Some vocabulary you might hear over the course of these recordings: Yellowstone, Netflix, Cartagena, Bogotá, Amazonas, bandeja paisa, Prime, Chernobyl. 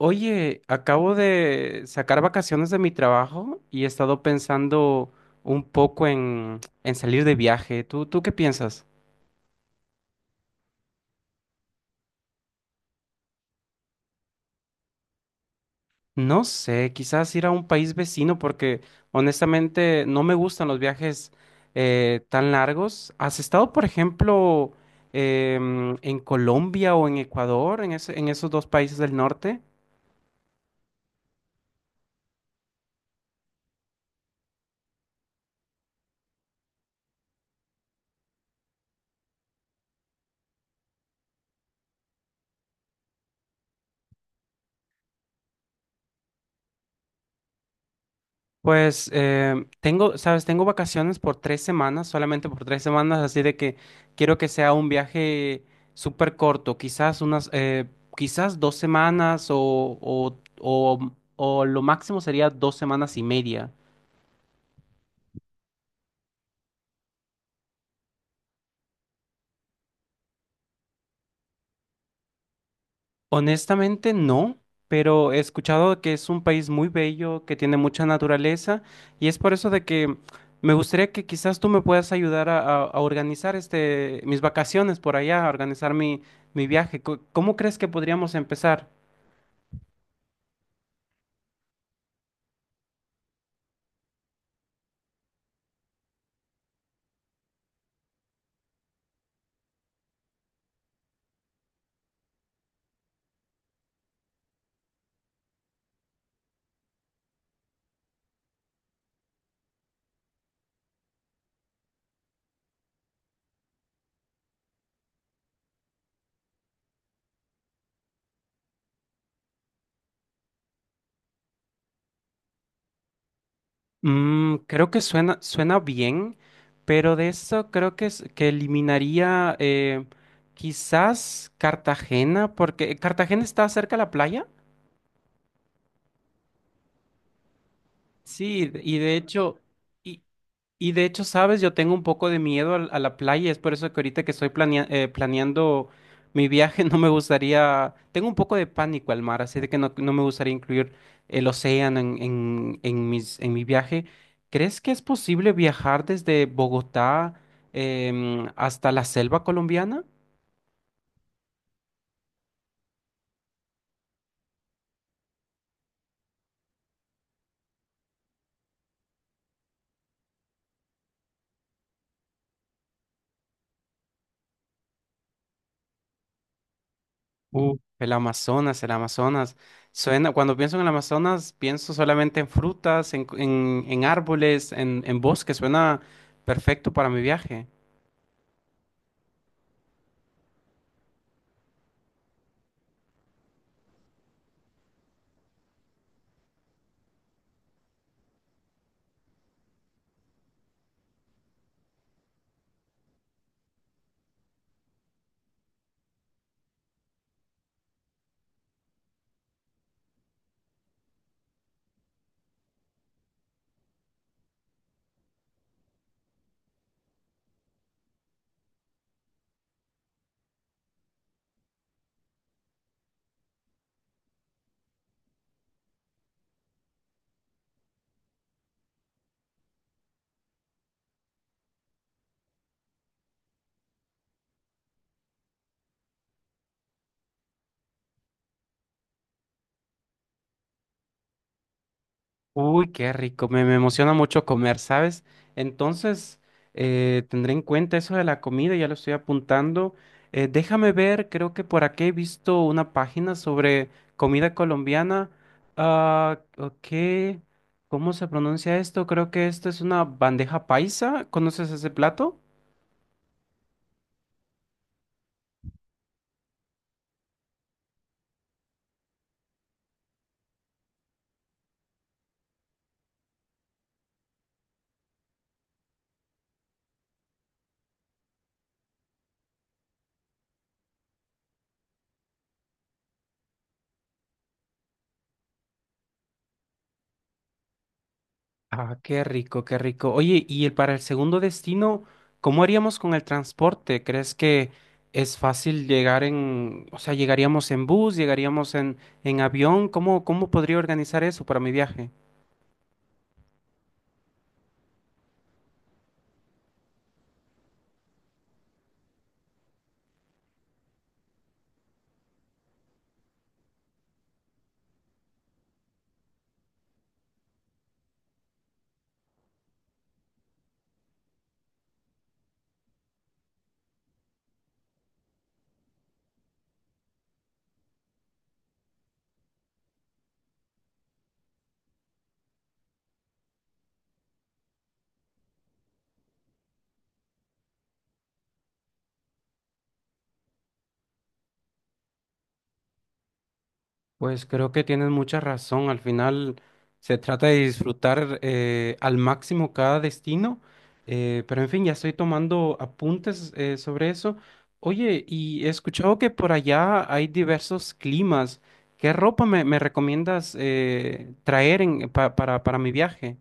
Oye, acabo de sacar vacaciones de mi trabajo y he estado pensando un poco en salir de viaje. ¿Tú qué piensas? No sé, quizás ir a un país vecino porque honestamente no me gustan los viajes tan largos. ¿Has estado, por ejemplo, en Colombia o en Ecuador, en esos dos países del norte? Pues tengo, sabes, tengo vacaciones por tres semanas, solamente por tres semanas, así de que quiero que sea un viaje súper corto, quizás quizás dos semanas o o lo máximo sería dos semanas y media. Honestamente no, pero he escuchado que es un país muy bello, que tiene mucha naturaleza y es por eso de que me gustaría que quizás tú me puedas ayudar a organizar este mis vacaciones por allá, a organizar mi, mi viaje. ¿Cómo crees que podríamos empezar? Mm, creo que suena, suena bien, pero de eso creo que, es, que eliminaría quizás Cartagena, porque Cartagena está cerca de la playa. Sí, y de hecho, y, y de hecho, sabes, yo tengo un poco de miedo a la playa, es por eso que ahorita que estoy planeando mi viaje, no me gustaría, tengo un poco de pánico al mar, así de que no, no me gustaría incluir el océano en mis, en mi viaje. ¿Crees que es posible viajar desde Bogotá hasta la selva colombiana? El Amazonas, el Amazonas. Suena, cuando pienso en el Amazonas, pienso solamente en frutas, en árboles, en bosque. Suena perfecto para mi viaje. Uy, qué rico, me emociona mucho comer, ¿sabes? Entonces, tendré en cuenta eso de la comida, ya lo estoy apuntando. Déjame ver, creo que por aquí he visto una página sobre comida colombiana. Ah, ok, ¿cómo se pronuncia esto? Creo que esto es una bandeja paisa. ¿Conoces ese plato? Ah, qué rico, qué rico. Oye, y el, para el segundo destino, ¿cómo haríamos con el transporte? ¿Crees que es fácil llegar en, o sea, llegaríamos en bus, llegaríamos en avión? ¿Cómo, cómo podría organizar eso para mi viaje? Pues creo que tienes mucha razón. Al final se trata de disfrutar al máximo cada destino. Pero en fin, ya estoy tomando apuntes sobre eso. Oye, y he escuchado que por allá hay diversos climas. ¿Qué ropa me, me recomiendas traer para mi viaje?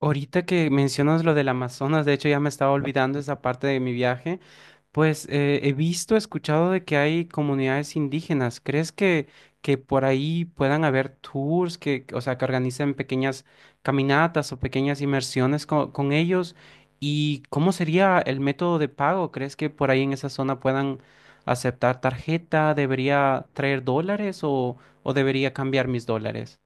Ahorita que mencionas lo del Amazonas, de hecho ya me estaba olvidando esa parte de mi viaje. Pues he visto, escuchado de que hay comunidades indígenas. ¿Crees que por ahí puedan haber tours que, o sea, que organicen pequeñas caminatas o pequeñas inmersiones con, ellos? ¿Y cómo sería el método de pago? ¿Crees que por ahí en esa zona puedan aceptar tarjeta? ¿Debería traer dólares o debería cambiar mis dólares?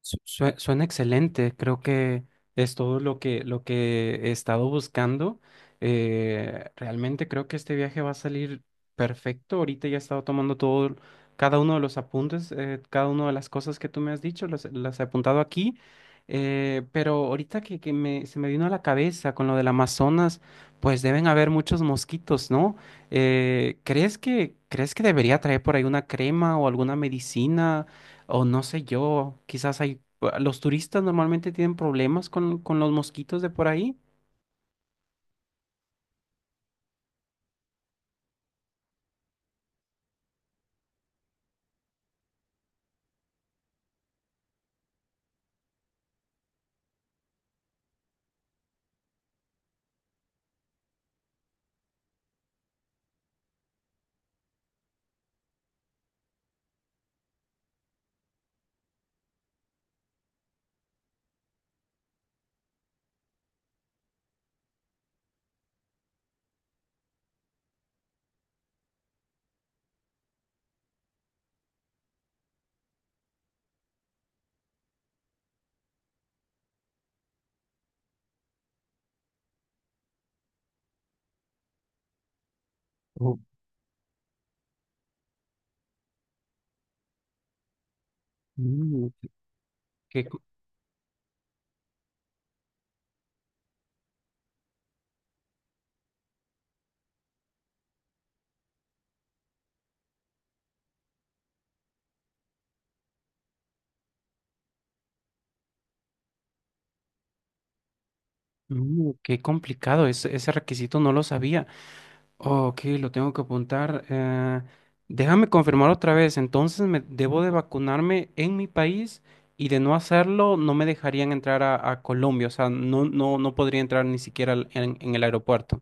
Suena excelente, creo que es todo lo que he estado buscando. Realmente creo que este viaje va a salir perfecto. Ahorita ya he estado tomando todo, cada uno de los apuntes, cada una de las cosas que tú me has dicho, las he apuntado aquí. Pero ahorita que me, se me vino a la cabeza con lo del Amazonas, pues deben haber muchos mosquitos, ¿no? Crees que debería traer por ahí una crema o alguna medicina? O no sé yo, quizás hay, ah, los turistas normalmente tienen problemas con los mosquitos de por ahí. Oh, mm. Qué, co- mm, qué complicado, ese requisito no lo sabía. Ok, lo tengo que apuntar. Déjame confirmar otra vez, entonces me debo de vacunarme en mi país y de no hacerlo no me dejarían entrar a Colombia, o sea, no, no, no podría entrar ni siquiera en el aeropuerto.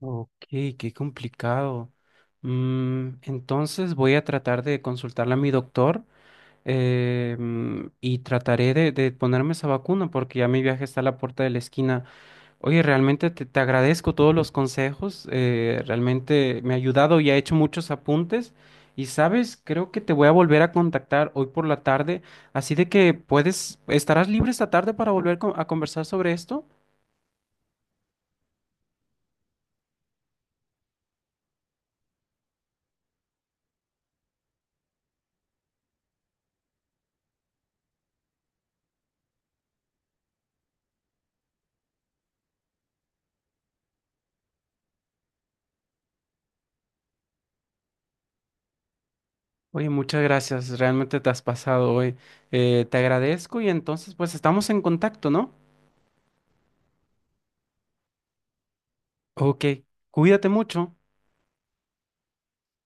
Ok, qué complicado. Mm, entonces voy a tratar de consultarle a mi doctor y trataré de ponerme esa vacuna porque ya mi viaje está a la puerta de la esquina. Oye, realmente te, te agradezco todos los consejos, realmente me ha ayudado y ha hecho muchos apuntes. Y sabes, creo que te voy a volver a contactar hoy por la tarde, así de que puedes, ¿estarás libre esta tarde para volver a conversar sobre esto? Oye, muchas gracias, realmente te has pasado hoy. Te agradezco y entonces pues estamos en contacto, ¿no? Ok, cuídate mucho.